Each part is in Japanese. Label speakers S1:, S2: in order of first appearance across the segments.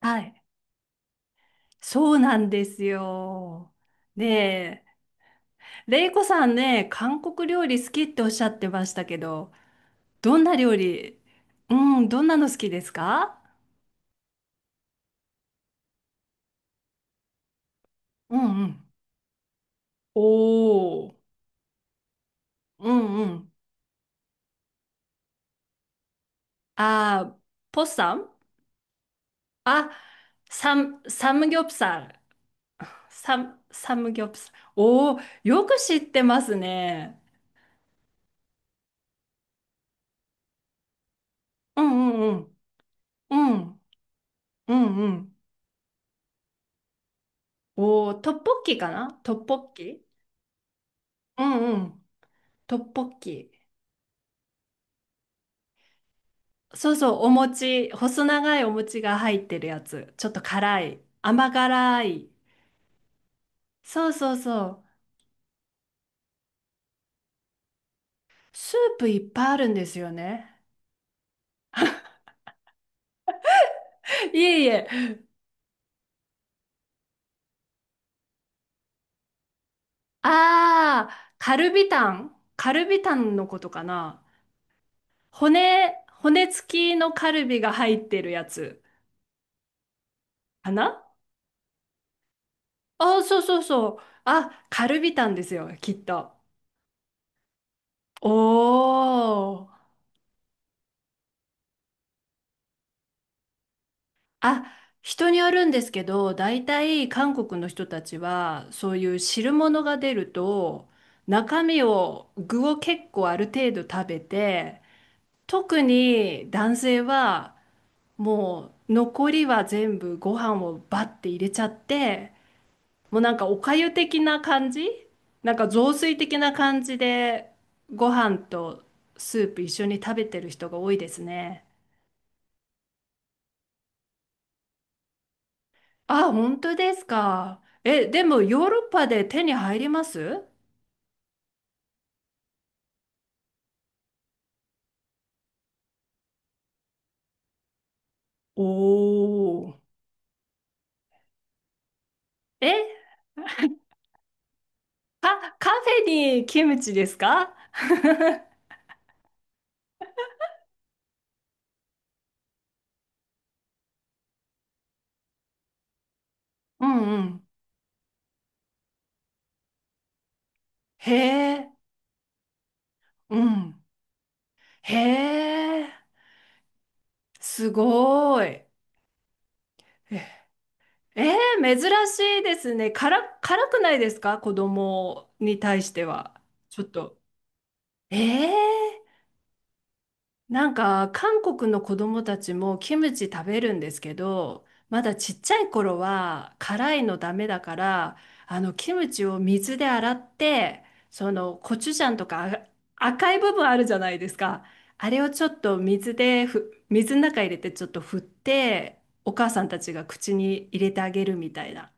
S1: はい。そうなんですよ。で、レイコさんね、韓国料理好きっておっしゃってましたけど、どんな料理、うん、どんなの好きですか？うんうん。おお。うんうん。あー、ポッサン。あ、サムギョプサル。サムギョプサル。おお、よく知ってますね。うんうんうん。うんうんうん。おお、トッポッキかな、トッポッキ？うんうん。トッポッキ。そうそう、お餅、細長いお餅が入ってるやつ。ちょっと辛い。甘辛い。そうそうそう。スープいっぱいあるんですよね。いえいえ。あー、カルビタン。カルビタンのことかな？骨付きのカルビが入ってるやつかな？あー、そうそうそう。あ、カルビタンですよ、きっと。おー。あ、人によるんですけど、大体韓国の人たちは、そういう汁物が出ると、中身を、具を結構ある程度食べて、特に男性は、もう残りは全部ご飯をバッて入れちゃって、もうなんかおかゆ的な感じ、なんか雑炊的な感じで、ご飯とスープ一緒に食べてる人が多いですね。あ、本当ですか。え、でもヨーロッパで手に入ります？おー。え、カフェにキムチですか？うんうん。へえ。うん。へえ。すごい。え、え珍しいですね。辛くないですか、子供に対しては？ちょっと。ええ。なんか韓国の子供たちもキムチ食べるんですけど、まだちっちゃい頃は辛いのダメだから、あのキムチを水で洗って、そのコチュジャンとか、あ、赤い部分あるじゃないですか。あれをちょっと水でふ、水の中入れてちょっと振って、お母さんたちが口に入れてあげるみたいな。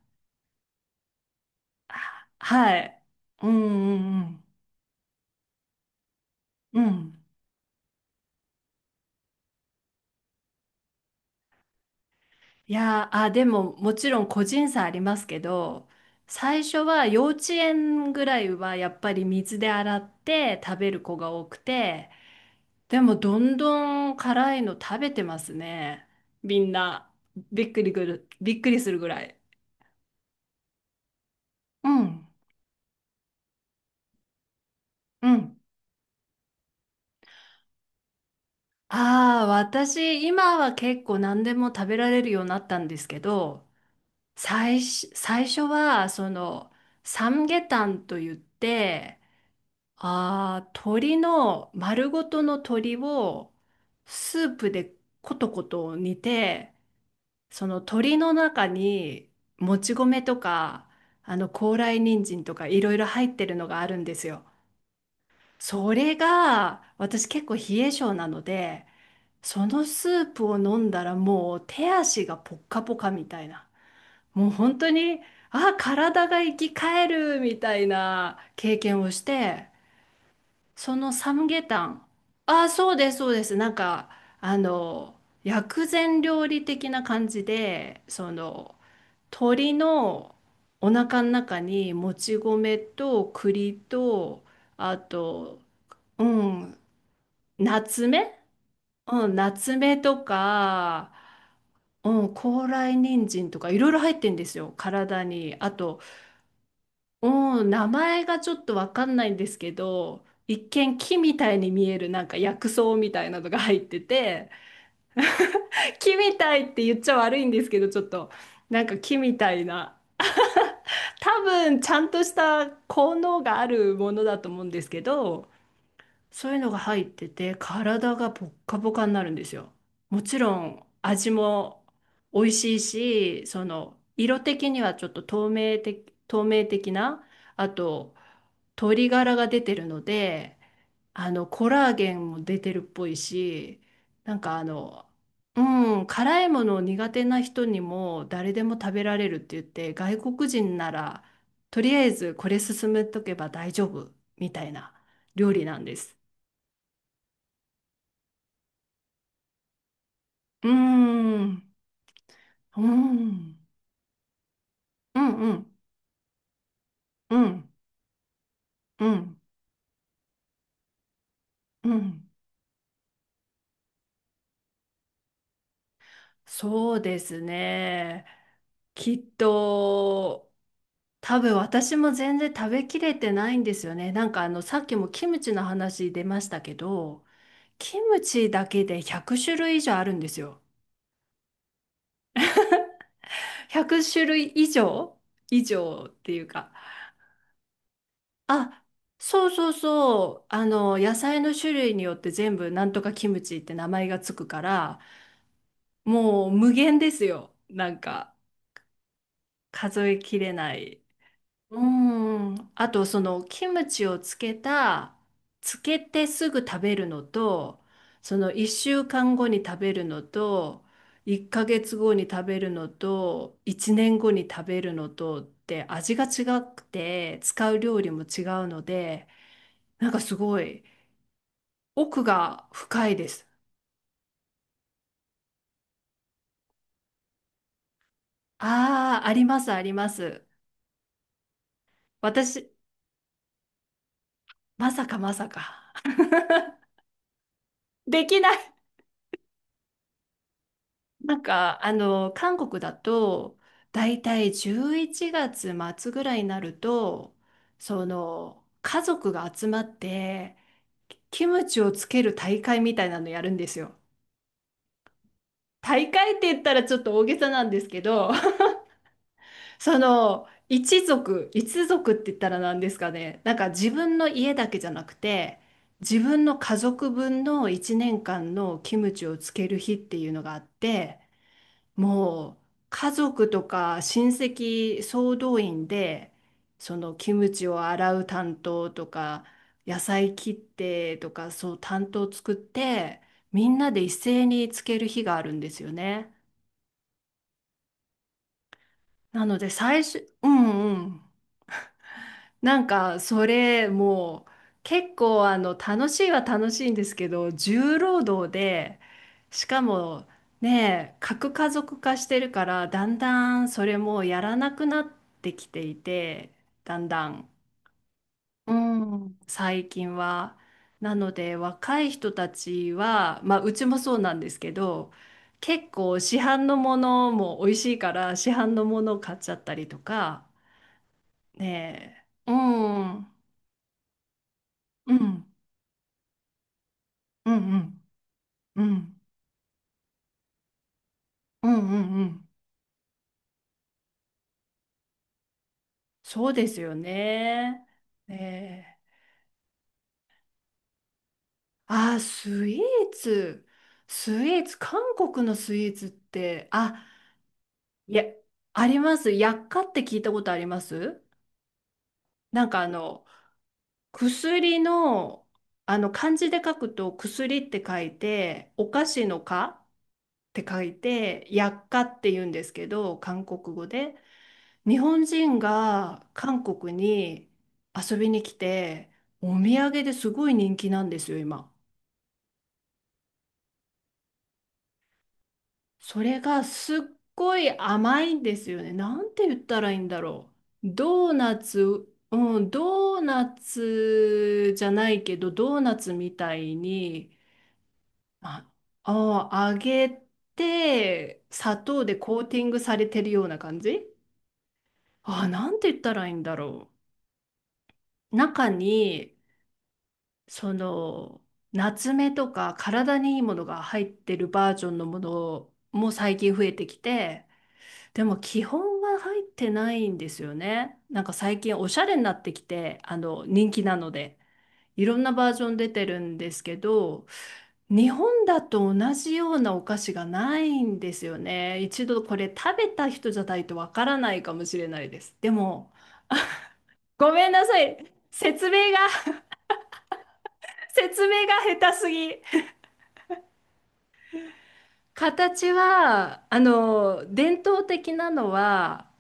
S1: はい。うんうんうん。うん。いやー、あ、でももちろん個人差ありますけど、最初は幼稚園ぐらいはやっぱり水で洗って食べる子が多くて、でもどんどん辛いの食べてますね。みんな。びっくりするぐらい。うん。うん。ああ、私、今は結構何でも食べられるようになったんですけど、最初は、その、サムゲタンと言って、ああ、鶏の丸ごとの鶏をスープでコトコト煮て、その鶏の中にもち米とか、あの高麗人参とかいろいろ入ってるのがあるんですよ。それが私結構冷え性なので、そのスープを飲んだらもう手足がポッカポカみたいな。もう本当に、あ、体が生き返るみたいな経験をして、そのサムゲタン。ああ、そうです、そうです。なんか、あの、薬膳料理的な感じで、その、鶏のお腹の中にもち米と栗と、あと、うん、ナツメ、うん、ナツメとか、うん、高麗人参とかいろいろ入ってんですよ、体に。あと、うん、名前がちょっとわかんないんですけど、一見木みたいに見えるなんか薬草みたいなのが入ってて、木みたいって言っちゃ悪いんですけど、ちょっとなんか木みたいな、多分ちゃんとした効能があるものだと思うんですけど、そういうのが入ってて、体がポッカポカになるんですよ。もちろん味も美味しいし、その色的にはちょっと透明的な、あと鶏ガラが出てるので、あのコラーゲンも出てるっぽいし、なんかうん、辛いものを苦手な人にも誰でも食べられるって言って、外国人ならとりあえずこれ進めとけば大丈夫みたいな料理なんです。うーん。うん。うん。うん。うん。うん。うん。そうですね。きっと、多分私も全然食べきれてないんですよね。なんかさっきもキムチの話出ましたけど、キムチだけで100種類以上あるんですよ。100種類以上。以上っていうか。あ、そうそうそう。野菜の種類によって全部なんとかキムチって名前がつくから、もう無限ですよ。なんか数えきれない。うん。あとそのキムチをつけてすぐ食べるのと、その1週間後に食べるのと、1ヶ月後に食べるのと、1年後に食べるのとって味が違くて、使う料理も違うので、なんかすごい奥が深いです。ああ、ありますあります。私、まさかまさか。できない。なんか、韓国だと、だいたい11月末ぐらいになると、その、家族が集まって、キムチをつける大会みたいなのやるんですよ。大会って言ったらちょっと大げさなんですけど、その、一族って言ったら何ですかね。なんか自分の家だけじゃなくて、自分の家族分の1年間のキムチをつける日っていうのがあって、もう家族とか親戚総動員でそのキムチを洗う担当とか、野菜切ってとか、そう担当作って、みんなで一斉につける日があるんですよね。なので最初、うんうん、なんかそれもう結構楽しいは楽しいんですけど、重労働で、しかもね、核家族化してるから、だんだんそれもやらなくなってきていて、だんだん。うん。最近は。なので若い人たちは、まあ、うちもそうなんですけど、結構市販のものも美味しいから、市販のものを買っちゃったりとか。ねえ。うんうんうんうんうんうんうんうん。そうですよね。ねえ。あー、スイーツ。スイーツ、韓国のスイーツって、あ、いや、あります。薬価って聞いたことあります？なんか、薬の、漢字で書くと薬って書いて、お菓子の菓って書いて、薬価って言うんですけど、韓国語で。日本人が韓国に遊びに来て、お土産ですごい人気なんですよ、今。それがすっごい甘いんですよね。なんて言ったらいいんだろう。ドーナツ、うん、ドーナツじゃないけど、ドーナツみたいに、あ、あ、揚げて、砂糖でコーティングされてるような感じ。あ、なんて言ったらいいんだろう。中に、その、夏目とか体にいいものが入ってるバージョンのものも最近増えてきて、でも基本は入ってないんですよね。なんか最近おしゃれになってきて、人気なので、いろんなバージョン出てるんですけど、日本だと同じようなお菓子がないんですよね。一度これ食べた人じゃないとわからないかもしれないです。でも、ごめんなさい。説明が、説明が下手すぎ。形は、伝統的なのは、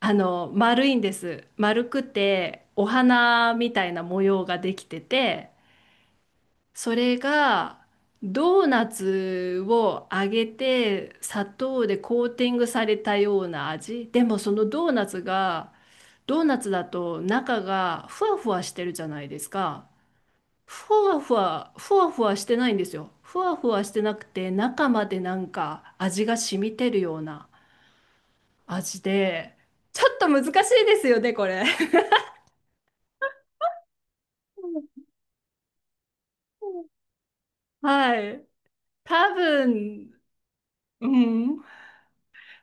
S1: 丸いんです。丸くて、お花みたいな模様ができてて、それが、ドーナツを揚げて、砂糖でコーティングされたような味。でも、そのドーナツが、ドーナツだと中がふわふわしてるじゃないですか。ふわふわ、ふわふわしてないんですよ。ふわふわしてなくて、中までなんか味が染みてるような味で、ちょっと難しいですよね、これ。はい。多分、うん。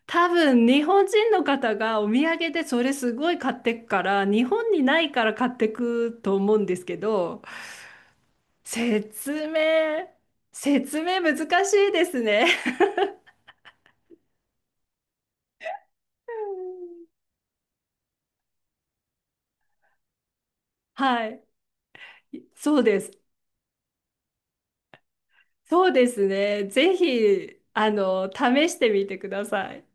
S1: 多分、日本人の方がお土産でそれすごい買ってくから、日本にないから買ってくと思うんですけど、説明、説明難しいですね。はい。そうです。そうですね。ぜひ、試してみてください。